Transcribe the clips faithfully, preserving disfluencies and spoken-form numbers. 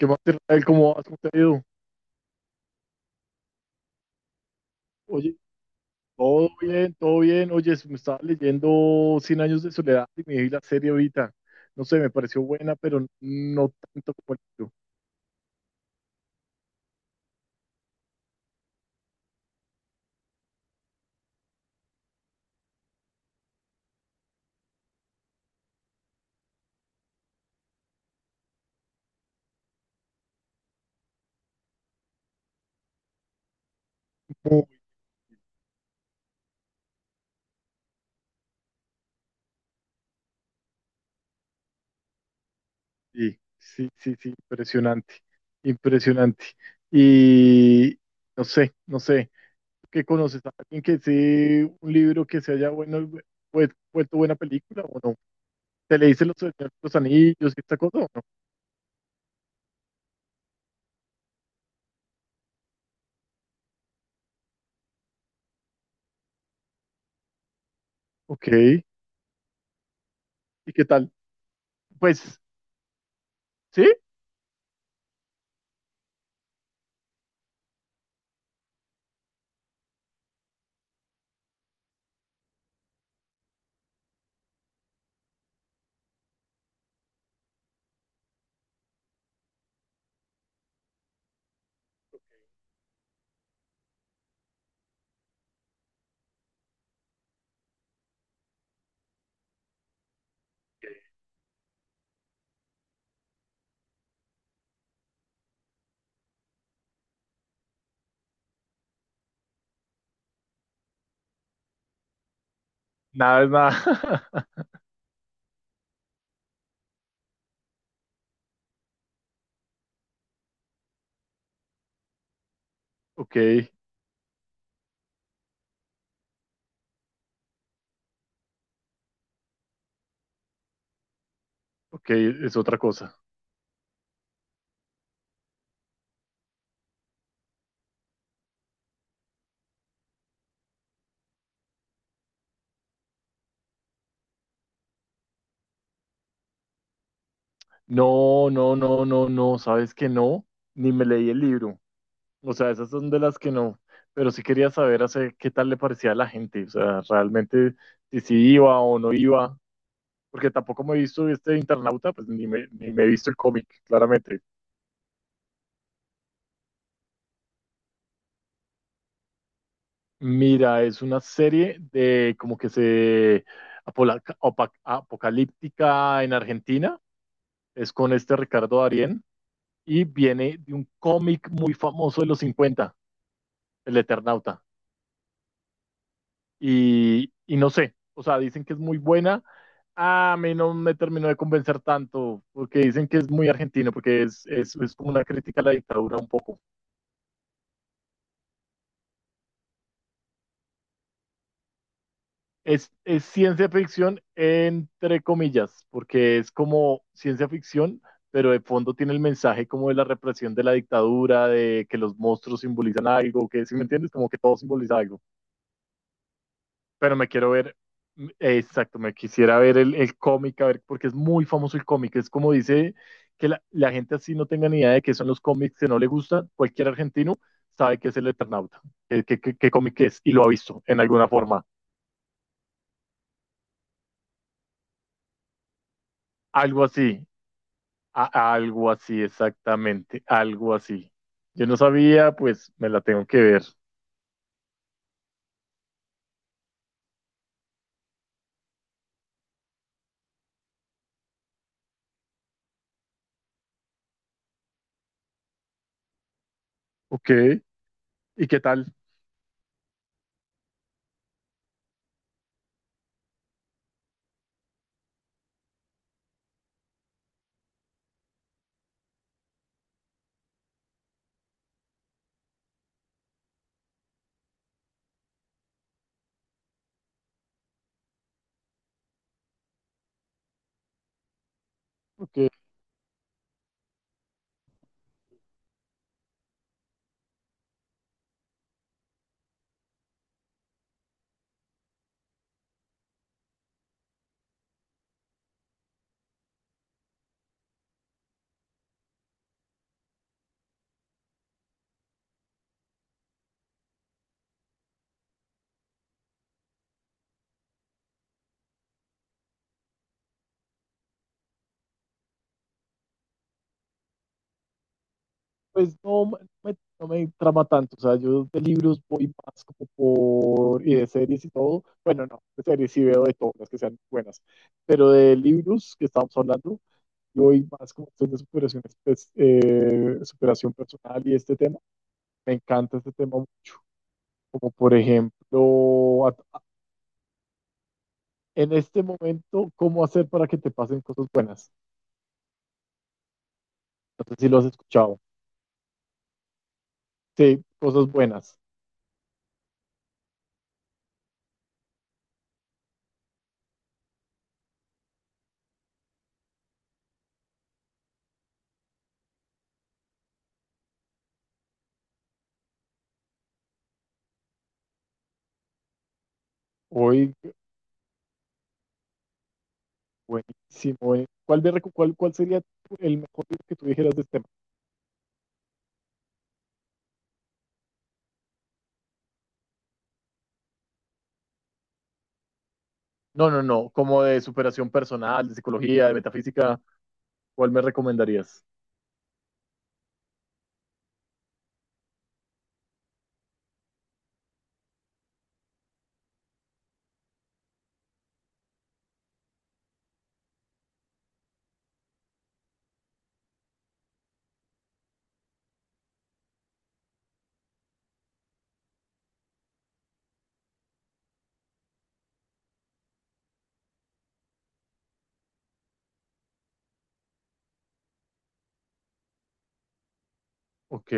¿Qué más, Israel? ¿Cómo vas? ¿Cómo te ha ido? Oye, todo bien, todo bien. Oye, me estaba leyendo Cien años de soledad y me vi la serie ahorita. No sé, me pareció buena, pero no tanto como el libro. Muy, sí, sí, sí, sí, impresionante, impresionante. Y no sé, no sé, ¿qué conoces? ¿A ¿Alguien que sí, un libro que se haya bueno, vuel- vuelto buena película o no? ¿Te leíste Los, los Anillos y esta cosa o no? Ok, ¿y qué tal? Pues, ¿sí? Nada es nada. Ok, ok, es otra cosa. No, no, no, no, no, sabes que no, ni me leí el libro. O sea, esas son de las que no, pero sí quería saber hace, qué tal le parecía a la gente, o sea, realmente si sí iba o no iba, porque tampoco me he visto este Internauta, pues ni me, ni me he visto el cómic, claramente. Mira, es una serie de como que se apola- opa- apocalíptica en Argentina, es con este Ricardo Darín. Y viene de un cómic muy famoso de los cincuenta, El Eternauta. Y, y no sé, o sea, dicen que es muy buena. A mí no me terminó de convencer tanto, porque dicen que es muy argentino, porque es, es, es como una crítica a la dictadura un poco. Es, es ciencia ficción entre comillas, porque es como ciencia ficción, pero de fondo tiene el mensaje como de la represión de la dictadura, de que los monstruos simbolizan algo, que si me entiendes, como que todo simboliza algo. Pero me quiero ver, mm, exacto, me quisiera ver el, el cómic, a ver, porque es muy famoso el cómic, es como dice que la, la gente así no tenga ni idea de qué son los cómics, que no le gustan, cualquier argentino sabe que es el Eternauta, eh, qué, qué- qué cómic es, y lo ha visto en alguna forma, algo así, a- algo así, exactamente, algo así. Yo no sabía, pues me la tengo que ver. Ok, ¿y qué tal? Ok. Pues no, no me, no me trama tanto. O sea, yo de libros voy más como por, y de series y todo. Bueno, no, de series sí veo de todas las que sean buenas. Pero de libros que estamos hablando, yo voy más como este de superación, pues, eh, superación personal y este tema. Me encanta este tema mucho. Como por ejemplo, a- en este momento, ¿cómo hacer para que te pasen cosas buenas? No sé si lo has escuchado. Sí, cosas buenas. Hoy buenísimo, buenísimo. ¿Cuál, de recu- cuál, cuál sería tu- el mejor libro que tú dijeras de este tema? No, no, no, como de superación personal, de psicología, de metafísica, ¿cuál me recomendarías? Ok,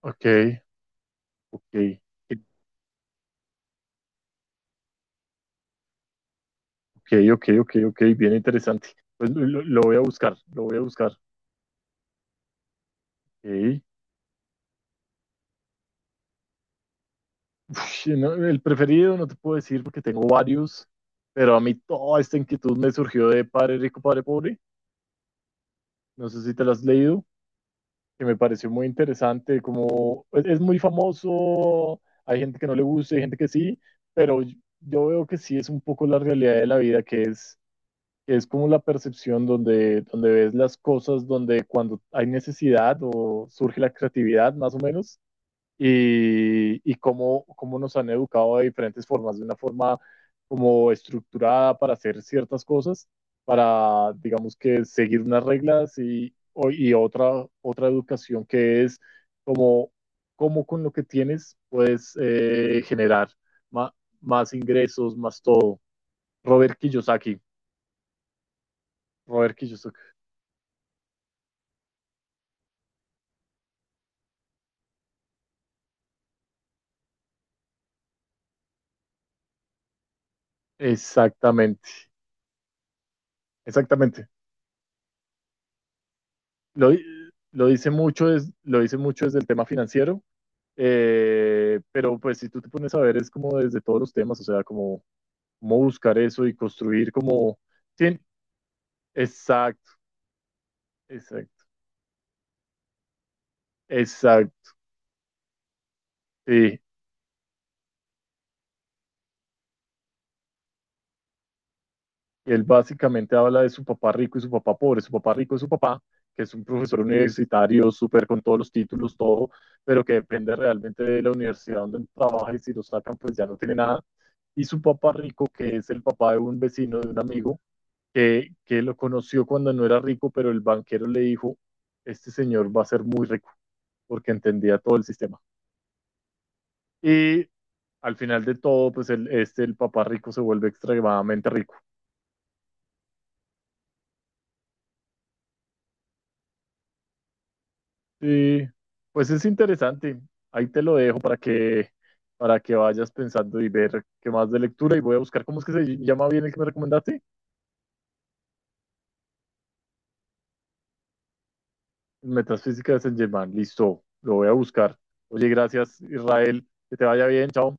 ok, ok, ok, ok, ok, ok, bien interesante. Pues lo, lo- lo voy a buscar, lo voy a buscar. Ok. Uf, no, el preferido no te puedo decir porque tengo varios, pero a mí toda esta inquietud me surgió de Padre Rico, Padre Pobre. No sé si te la has leído. Que me pareció muy interesante, como es, es muy famoso, hay gente que no le gusta, hay gente que sí, pero yo yo veo que sí es un poco la realidad de la vida, que es, que es como la percepción donde, donde ves las cosas, donde cuando hay necesidad o surge la creatividad, más o menos, y, y cómo, cómo nos han educado de diferentes formas, de una forma como estructurada para hacer ciertas cosas, para, digamos que, seguir unas reglas y, o- y otra, otra educación que es como cómo con lo que tienes puedes eh, generar ma- más ingresos, más todo. Robert Kiyosaki, Robert Kiyosaki, exactamente, exactamente. Lo, di- lo dice mucho, es, lo dice mucho desde el tema financiero. Eh, pero pues si tú te pones a ver es como desde todos los temas, o sea, como, como buscar eso y construir como... Sí, exacto, exacto, exacto. Sí. Él básicamente habla de su papá rico y su papá pobre. Su papá rico es su papá, que es un profesor universitario, súper con todos los títulos, todo, pero que depende realmente de la universidad donde él trabaja y si lo sacan, pues ya no tiene nada. Y su papá rico, que es el papá de un vecino, de un amigo, que, que lo conoció cuando no era rico, pero el banquero le dijo, este señor va a ser muy rico, porque entendía todo el sistema. Y al final de todo, pues el, este, el papá rico se vuelve extremadamente rico. Y pues es interesante. Ahí te lo dejo para que, para que vayas pensando y ver qué más de lectura. Y voy a buscar, ¿cómo es que se llama bien el que me recomendaste? Metafísica de Saint Germain. Listo, lo voy a buscar. Oye, gracias Israel. Que te vaya bien. Chao.